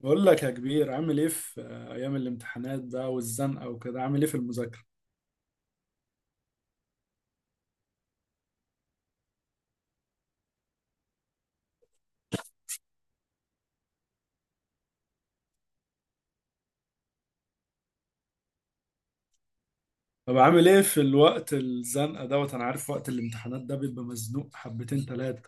بقول لك يا كبير، عامل ايه في ايام الامتحانات بقى والزنقه وكده؟ عامل ايه في المذاكره؟ طب عامل ايه في الوقت الزنقه دوت، انا عارف وقت الامتحانات ده بيبقى مزنوق حبتين ثلاثه.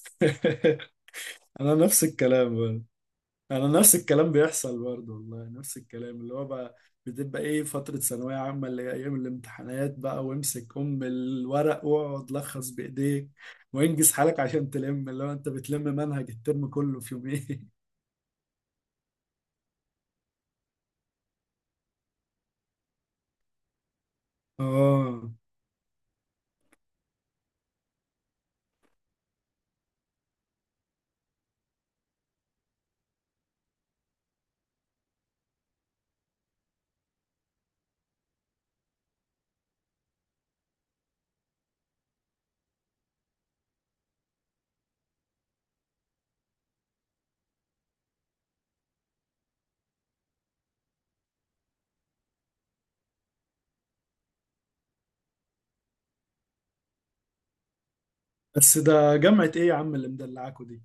انا نفس الكلام برضه. انا نفس الكلام بيحصل برضه، والله نفس الكلام. اللي هو بقى بتبقى ايه فتره ثانويه عامه، اللي هي ايام الامتحانات بقى، وامسك ام الورق واقعد لخص بايديك وانجز حالك عشان تلم، اللي هو انت بتلم منهج الترم كله في يومين. اه. بس ده جامعة ايه يا عم اللي مدلعاكوا دي؟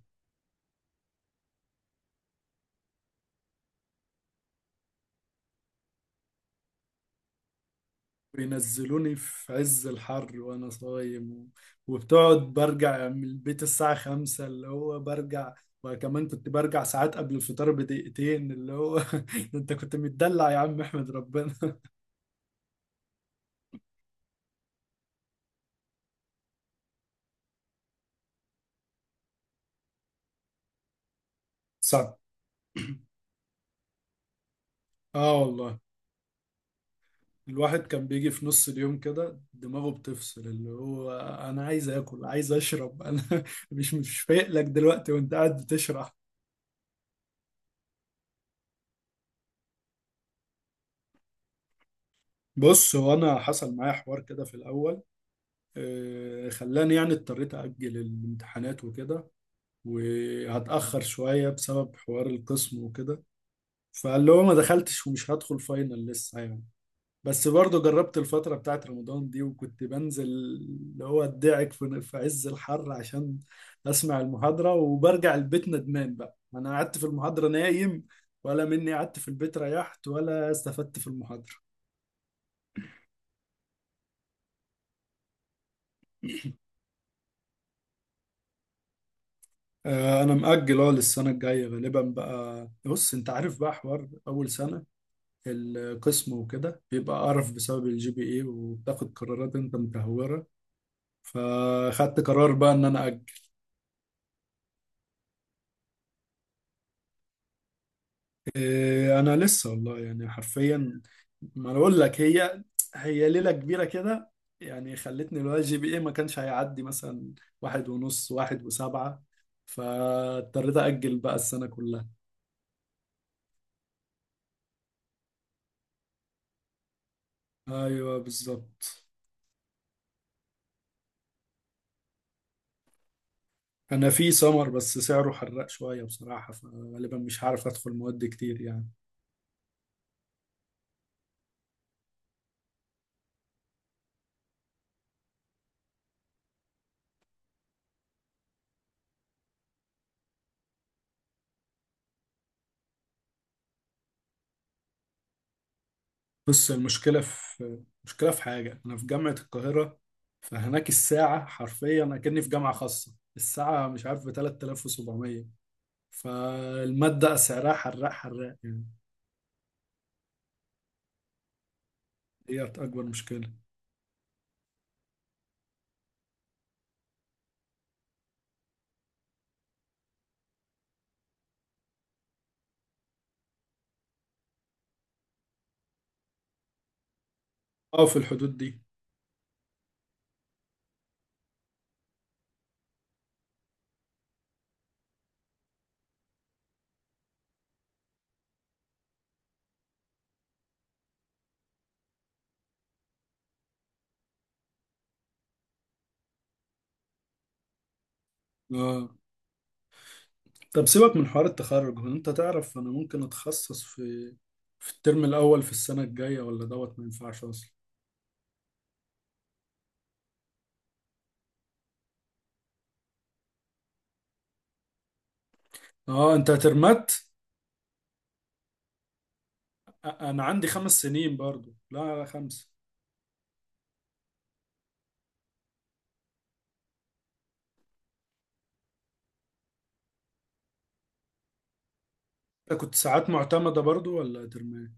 بينزلوني في عز الحر وانا صايم وبتقعد برجع من البيت الساعة خمسة، اللي هو برجع. وكمان كنت برجع ساعات قبل الفطار بدقيقتين، اللي هو انت كنت متدلع يا عم احمد، ربنا. صعب. اه والله. الواحد كان بيجي في نص اليوم كده دماغه بتفصل، اللي هو انا عايز اكل عايز اشرب، انا مش فايق لك دلوقتي وانت قاعد بتشرح. بص، هو انا حصل معايا حوار كده في الاول، خلاني يعني اضطريت أجل الامتحانات وكده، وهتأخر شوية بسبب حوار القسم وكده. فاللي هو ما دخلتش ومش هدخل فاينل لسه يعني. بس برضه جربت الفترة بتاعت رمضان دي، وكنت بنزل، اللي هو ادعك في عز الحر عشان أسمع المحاضرة، وبرجع البيت ندمان بقى. أنا قعدت في المحاضرة نايم، ولا مني قعدت في البيت ريحت، ولا استفدت في المحاضرة. أنا مأجل أه للسنة الجاية غالبا بقى. بص أنت عارف بقى حوار أول سنة، القسم وكده بيبقى قرف بسبب الجي بي اي، وبتاخد قرارات انت متهورة. فخدت قرار بقى ان انا إيه، انا لسه والله يعني حرفيا. ما انا اقول لك، هي هي ليلة كبيرة كده يعني، خلتني. لو الجي بي اي ما كانش هيعدي مثلا واحد ونص، واحد وسبعة، فاضطريت اجل بقى السنة كلها. ايوه بالظبط. انا في سمر، بس سعره حرق شوية بصراحة، فغالبا مش هعرف ادخل مواد كتير يعني. بص المشكلة، في مشكلة في حاجة، أنا في جامعة القاهرة، فهناك الساعة حرفيا أكني في جامعة خاصة، الساعة مش عارف ب 3700. فالمادة سعرها حراق حراق يعني. ديت أكبر مشكلة. أه في الحدود دي. أه. طب سيبك من حوار التخرج، هو أنت تعرف أنا ممكن أتخصص في في الترم الأول في السنة الجاية، ولا دوت ما ينفعش أصلا؟ أه أنت ترمت. أ- أنا عندي خمس سنين برضو، لا خمسة. أنت كنت ساعات معتمدة برضو ولا ترمات؟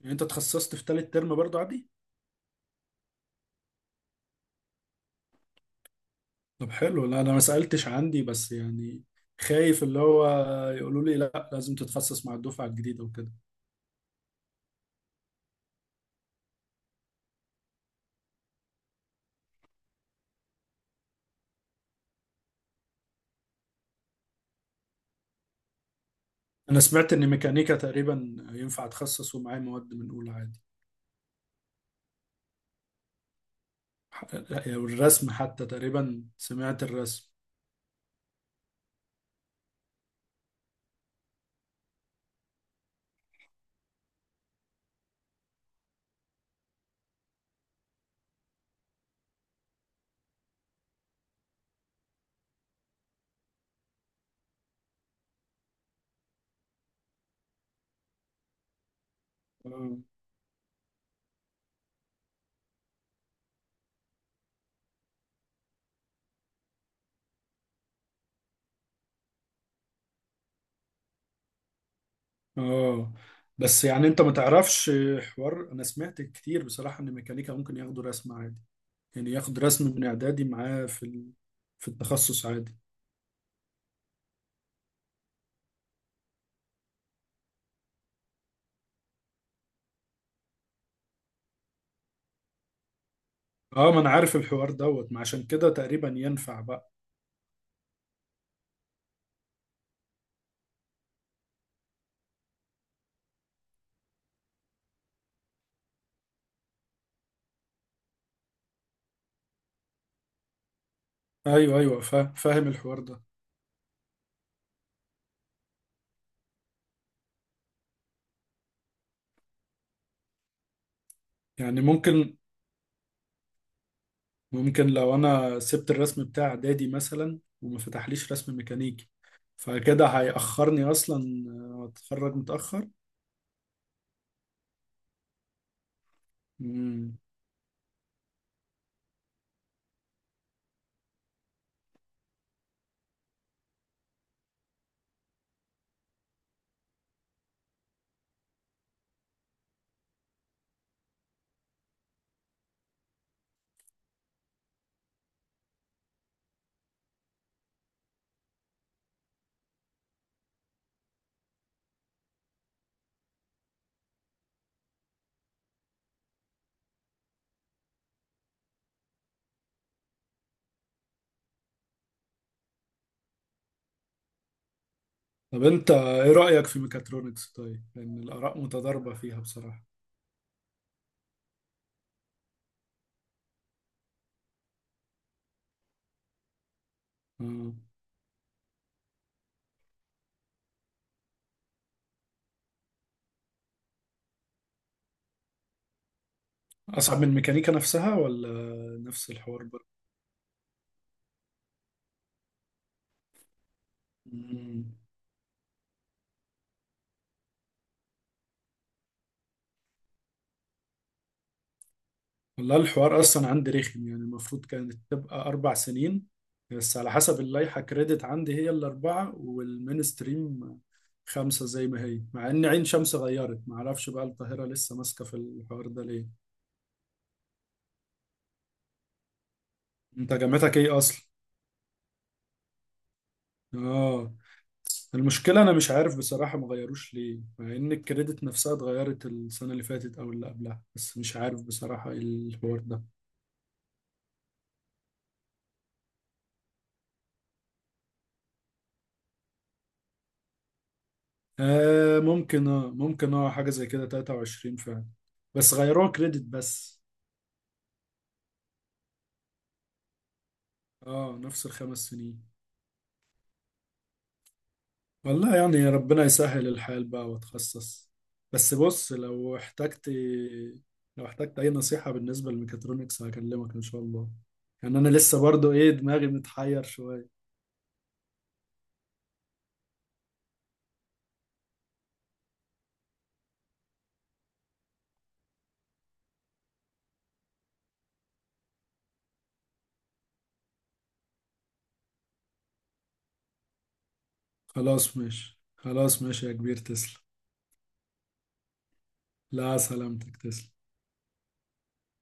يعني انت اتخصصت في تالت ترم برضو عادي. طب حلو. لا انا ما سألتش عندي، بس يعني خايف اللي هو يقولوا لي لا لازم تتخصص مع الدفعة الجديدة وكده. انا سمعت ان ميكانيكا تقريبا ينفع اتخصص ومعايا مواد من اولى عادي. لا، والرسم حتى تقريبا، سمعت الرسم. اه. آه. بس يعني انت ما تعرفش حوار. انا سمعت كتير بصراحة ان ميكانيكا ممكن ياخدوا رسم عادي، يعني ياخد رسم من اعدادي معاه في التخصص عادي. اه ما انا عارف الحوار دوت، ما عشان كده تقريبا ينفع بقى. ايوه ايوه، فاهم الحوار ده. يعني ممكن، ممكن لو انا سبت الرسم بتاع اعدادي مثلا وما فتحليش رسم ميكانيكي، فكده هيأخرني اصلا، اتخرج متأخر. مم. طب انت ايه رأيك في ميكاترونكس؟ طيب لان الآراء متضاربة فيها بصراحة. آه. اصعب من الميكانيكا نفسها ولا نفس الحوار برضه؟ مم. والله الحوار اصلا عندي رخم يعني، المفروض كانت تبقى اربع سنين، بس على حسب اللائحه كريدت عندي هي الاربعه، والمينستريم خمسه زي ما هي، مع ان عين شمس غيرت، ما اعرفش بقى القاهره لسه ماسكه في الحوار ده ليه. انت جامعتك ايه اصلا؟ اه. المشكله انا مش عارف بصراحه ما غيروش ليه، مع ان الكريدت نفسها اتغيرت السنه اللي فاتت او اللي قبلها، بس مش عارف بصراحه ايه الحوار ده. آه ممكن، اه ممكن، اه حاجة زي كده 23 فعلا. بس غيروها كريدت بس. اه نفس الخمس سنين. والله يعني ربنا يسهل الحال بقى واتخصص. بس بص، لو احتجت، لو احتجت اي نصيحة بالنسبة للميكاترونكس هكلمك ان شاء الله. يعني انا لسه برضو ايه، دماغي متحير شوية. خلاص ماشي، خلاص ماشي يا كبير تسلم. لا سلامتك تسلم.